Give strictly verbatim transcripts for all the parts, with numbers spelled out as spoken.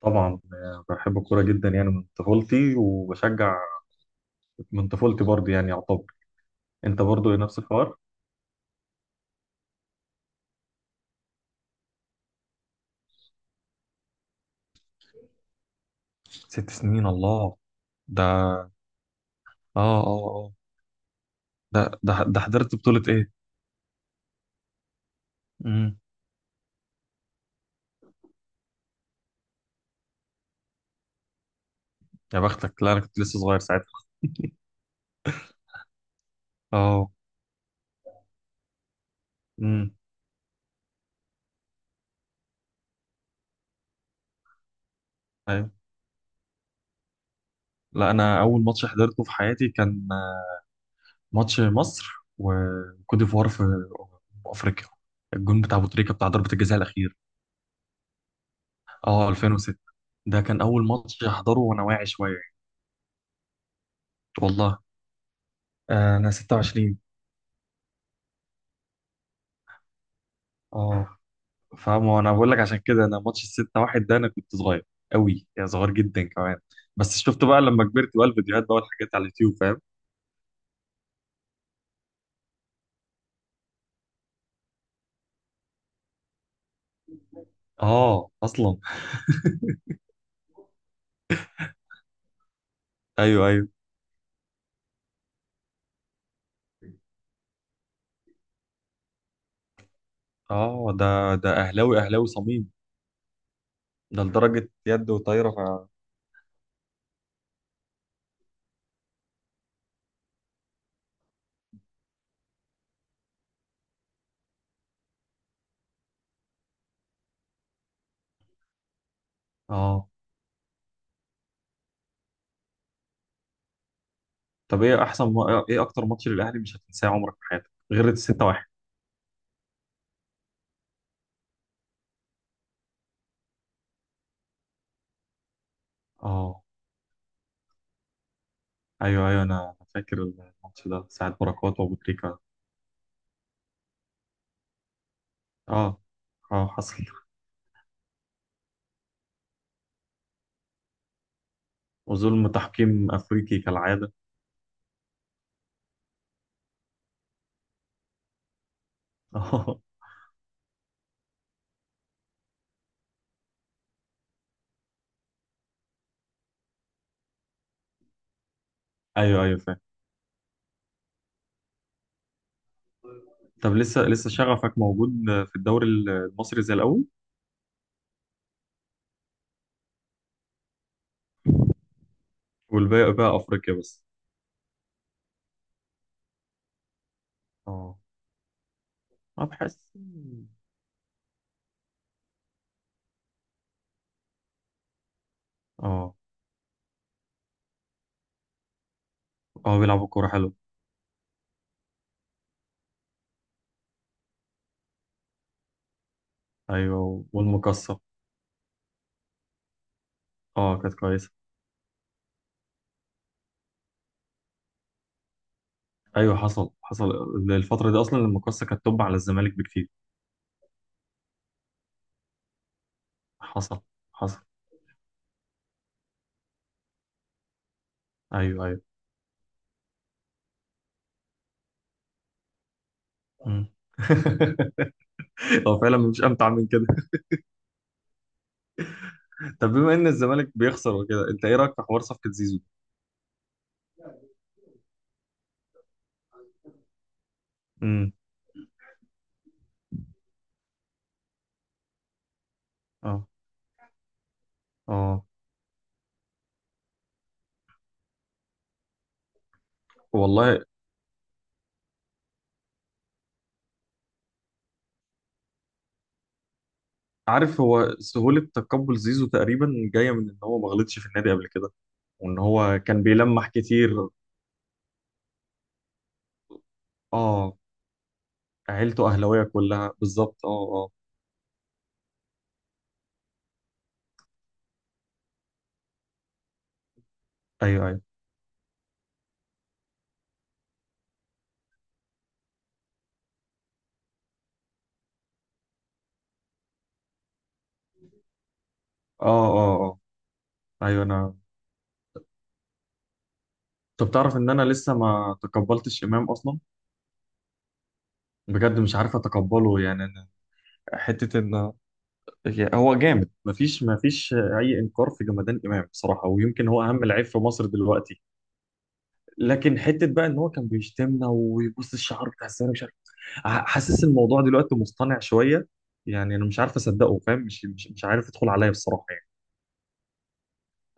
طبعا آه، بحب الكورة جدا يعني من طفولتي وبشجع من طفولتي برضه يعني يعتبر. انت برضه نفس الحوار. ست سنين، الله. ده اه اه اه ده ده ده حضرت بطولة ايه؟ امم يا بختك، لا انا كنت لسه صغير ساعتها. اه. امم. ايوه. لا انا اول ماتش حضرته في حياتي كان آه، ماتش مصر وكوت ديفوار في أمم افريقيا، الجون بتاع ابو تريكة بتاع ضربة الجزاء الاخير. اه، ألفين وستة. ده كان اول ماتش احضره وانا واعي شوية يعني. والله، آه، انا ستة وعشرين. اه فاهم، انا بقول لك عشان كده انا ماتش الستة واحد ده انا كنت صغير قوي، يعني صغير جدا كمان. بس شفت بقى لما كبرت بقى الفيديوهات بقى والحاجات على اليوتيوب، فاهم. اه اصلا. ايوه ايوه. اه، ده ده اهلاوي اهلاوي صميم. ده لدرجة يد وطايرة ف... اه. طب ايه احسن م... ايه اكتر ماتش للاهلي مش هتنساه عمرك في حياتك غير الستة واحد؟ اه. ايوه ايوه، انا فاكر الماتش ده، ساعة بركات وابو تريكة. اه. اه، حصل. وظلم تحكيم افريقي كالعادة. اه. ايوه ايوه، فاهم. طب لسه لسه شغفك موجود في الدوري المصري زي الاول؟ والباقي بقى افريقيا بس. اه. ما بحس. اه اه، بيلعبوا كوره حلو. ايوه، والمقصه. اه كانت كويسه. ايوه، حصل حصل. الفتره دي اصلا المقصه كانت توب على الزمالك بكتير. حصل حصل. ايوه ايوه. مم. هو فعلا مش امتع من كده. طب بما ان الزمالك بيخسر وكده، انت ايه رايك في حوار صفقه زيزو؟ امم. اه اه. والله، عارف، هو سهولة تقبل زيزو تقريبا جاية من إن هو ما غلطش في النادي قبل كده، وإن هو كان بيلمح كتير. آه، عيلته أهلاوية كلها بالظبط، آه آه. أيوه أيوه. آه آه آه أيوه. أنا، طب تعرف إن أنا لسه ما تقبلتش إمام أصلا؟ بجد مش عارف أتقبله يعني أنا. حتة إن يعني هو جامد، مفيش مفيش أي إنكار في جمدان إمام بصراحة، ويمكن هو أهم لعيب في مصر دلوقتي. لكن حتة بقى إن هو كان بيشتمنا ويبص الشعر بتاع الزمالك. ح- حاسس الموضوع دلوقتي مصطنع شويه، يعني انا مش عارف اصدقه، فاهم، مش مش مش عارف يدخل عليا بصراحه يعني.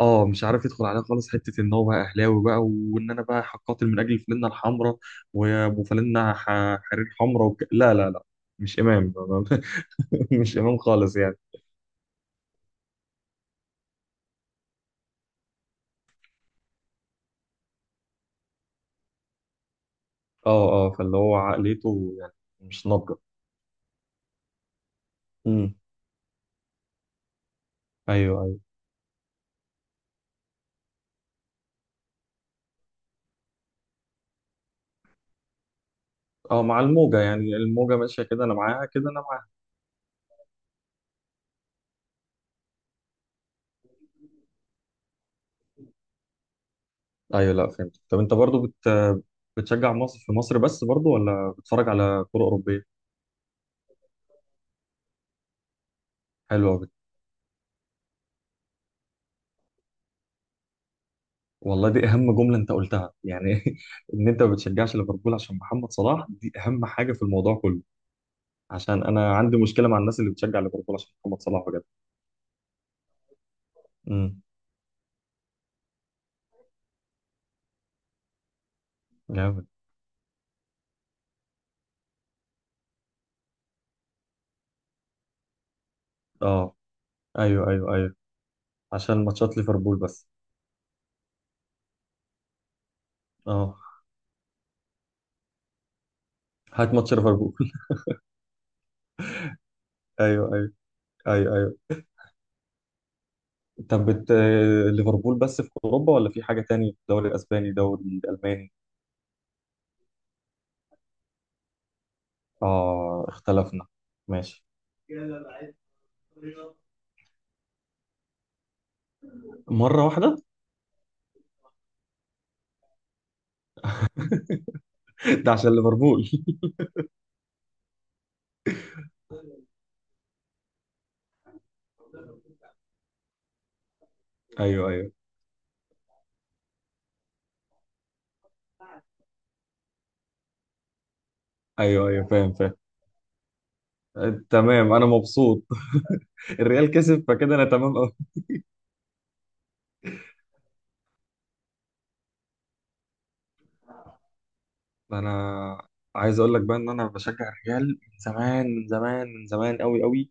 اه، مش عارف يدخل عليا خالص، حته ان هو بقى اهلاوي بقى وان انا بقى هقاتل من اجل فلانه الحمراء وابو فلانه ح- حرير حمراء وك... لا لا لا مش امام. مش امام خالص يعني. اه اه، فاللي هو عقليته يعني مش ناضجه. امم. ايوه ايوه. اه، مع الموجه يعني، الموجه ماشيه كده انا معاها كده انا. ايوه، لا فهمت. طب انت برضو بت... بتشجع مصر في مصر بس برضو، ولا بتتفرج على كرة أوروبية؟ حلوة. بت... والله دي أهم جملة أنت قلتها يعني. إن أنت ما بتشجعش ليفربول عشان محمد صلاح، دي أهم حاجة في الموضوع كله. عشان أنا عندي مشكلة مع الناس اللي بتشجع ليفربول عشان محمد صلاح بجد. امم. جامد. أه. أيوه أيوه أيوه، عشان ماتشات ليفربول بس. أه، هات ماتش ليفربول. أيوه أيوه. أيوه أيوه. طب بت... ليفربول بس في أوروبا، ولا في حاجة تاني، الدوري الأسباني، الدوري الألماني؟ آه، اختلفنا. ماشي. مرة واحدة. ده عشان ليفربول. ايوه ايوه. ايوه ايوه، فاهم فاهم. آه، تمام، انا مبسوط. الريال كسب فكده انا تمام قوي. انا عايز اقول لك بقى ان انا بشجع الريال من زمان، من زمان، من زمان، قوي قوي.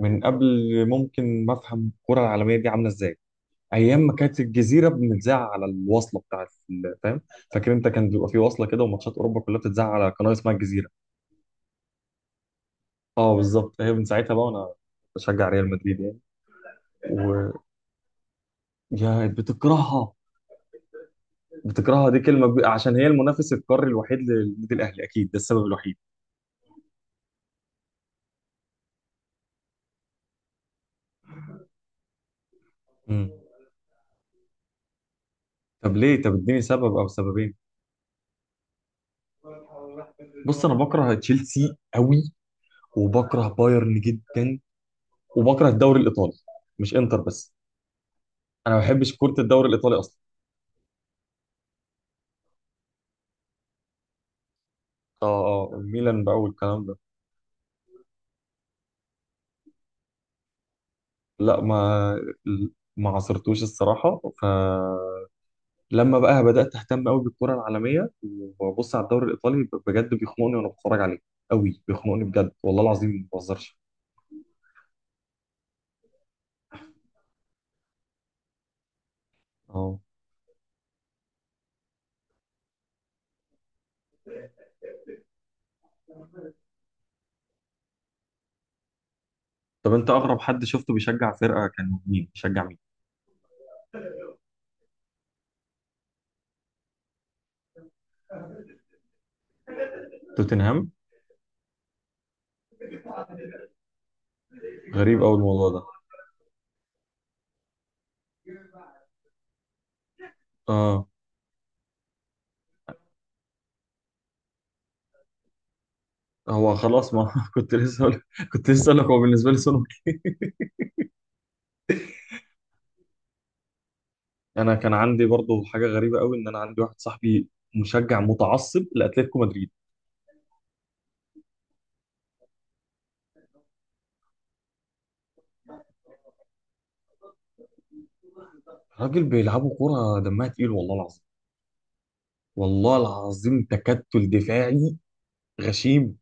من قبل ممكن ما افهم الكرة العالمية دي عاملة ازاي. ايام ما كانت الجزيرة بنتذاع على الوصلة بتاعت ال- فاهم، فاكر انت كان بيبقى في وصلة كده، وماتشات اوروبا كلها بتتذاع على قناة اسمها الجزيرة. اه بالظبط، هي من ساعتها بقى وانا بشجع ريال مدريد يعني. و، يا بتكرهها. بتكرهها دي كلمه ب... عشان هي المنافس القاري الوحيد للنادي الاهلي، اكيد ده السبب الوحيد. مم. طب ليه؟ طب اديني سبب او سببين. بص، انا بكره تشيلسي قوي، وبكره بايرن جدا، وبكره الدوري الايطالي، مش انتر بس. انا ما بحبش كره الدوري الايطالي اصلا. اه اه، ميلان بقى والكلام ده. لا، ما ما عصرتوش الصراحه، ف لما بقى بدات اهتم قوي بالكره العالميه وببص على الدوري الايطالي، ب- بجد بيخنقني وانا بتفرج عليه، قوي بيخنقني بجد، والله العظيم ما بهزرش. اه. طب انت اغرب حد شفته بيشجع فرقه كان مين بيشجع مين؟ توتنهام؟ غريب قوي الموضوع ده. اه. هو خلاص، ما كنت لسه أقول... كنت لسه اقول لك هو بالنسبه لي سونو. انا كان عندي برضو حاجه غريبه قوي، ان انا عندي واحد صاحبي مشجع متعصب لاتلتيكو مدريد. راجل بيلعبوا كوره دمها تقيل، والله العظيم. والله العظيم، تكتل دفاعي غشيم.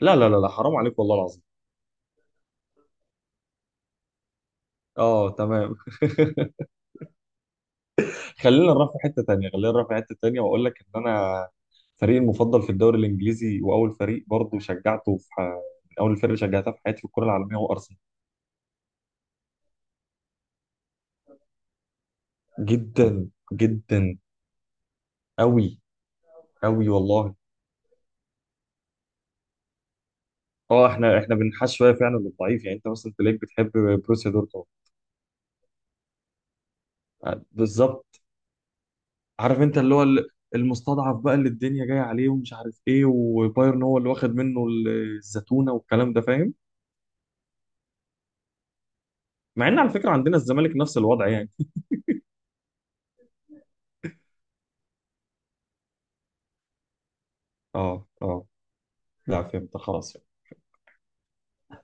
لا لا لا لا حرام عليك والله العظيم. اه تمام. خلينا نروح في حته تانيه، خلينا نروح في حته تانيه، واقول لك ان انا فريقي المفضل في الدوري الانجليزي واول فريق برضه شجعته في ح... من اول الفرق اللي شجعتها في حياتي في الكره العالميه هو ارسنال. جدا. جدا. قوي. قوي، والله. اه، احنا احنا بنحش شويه فعلا للضعيف، يعني انت مثلا تلاقيك بتحب بروسيا دورتموند. آه، بالظبط. عارف انت اللي هو ال- المستضعف بقى اللي الدنيا جايه عليه ومش عارف ايه، وبايرن هو اللي واخد منه ال- الزتونه والكلام ده، فاهم. مع ان على فكره عندنا الزمالك نفس الوضع يعني. اه اه، لا فهمت خلاص.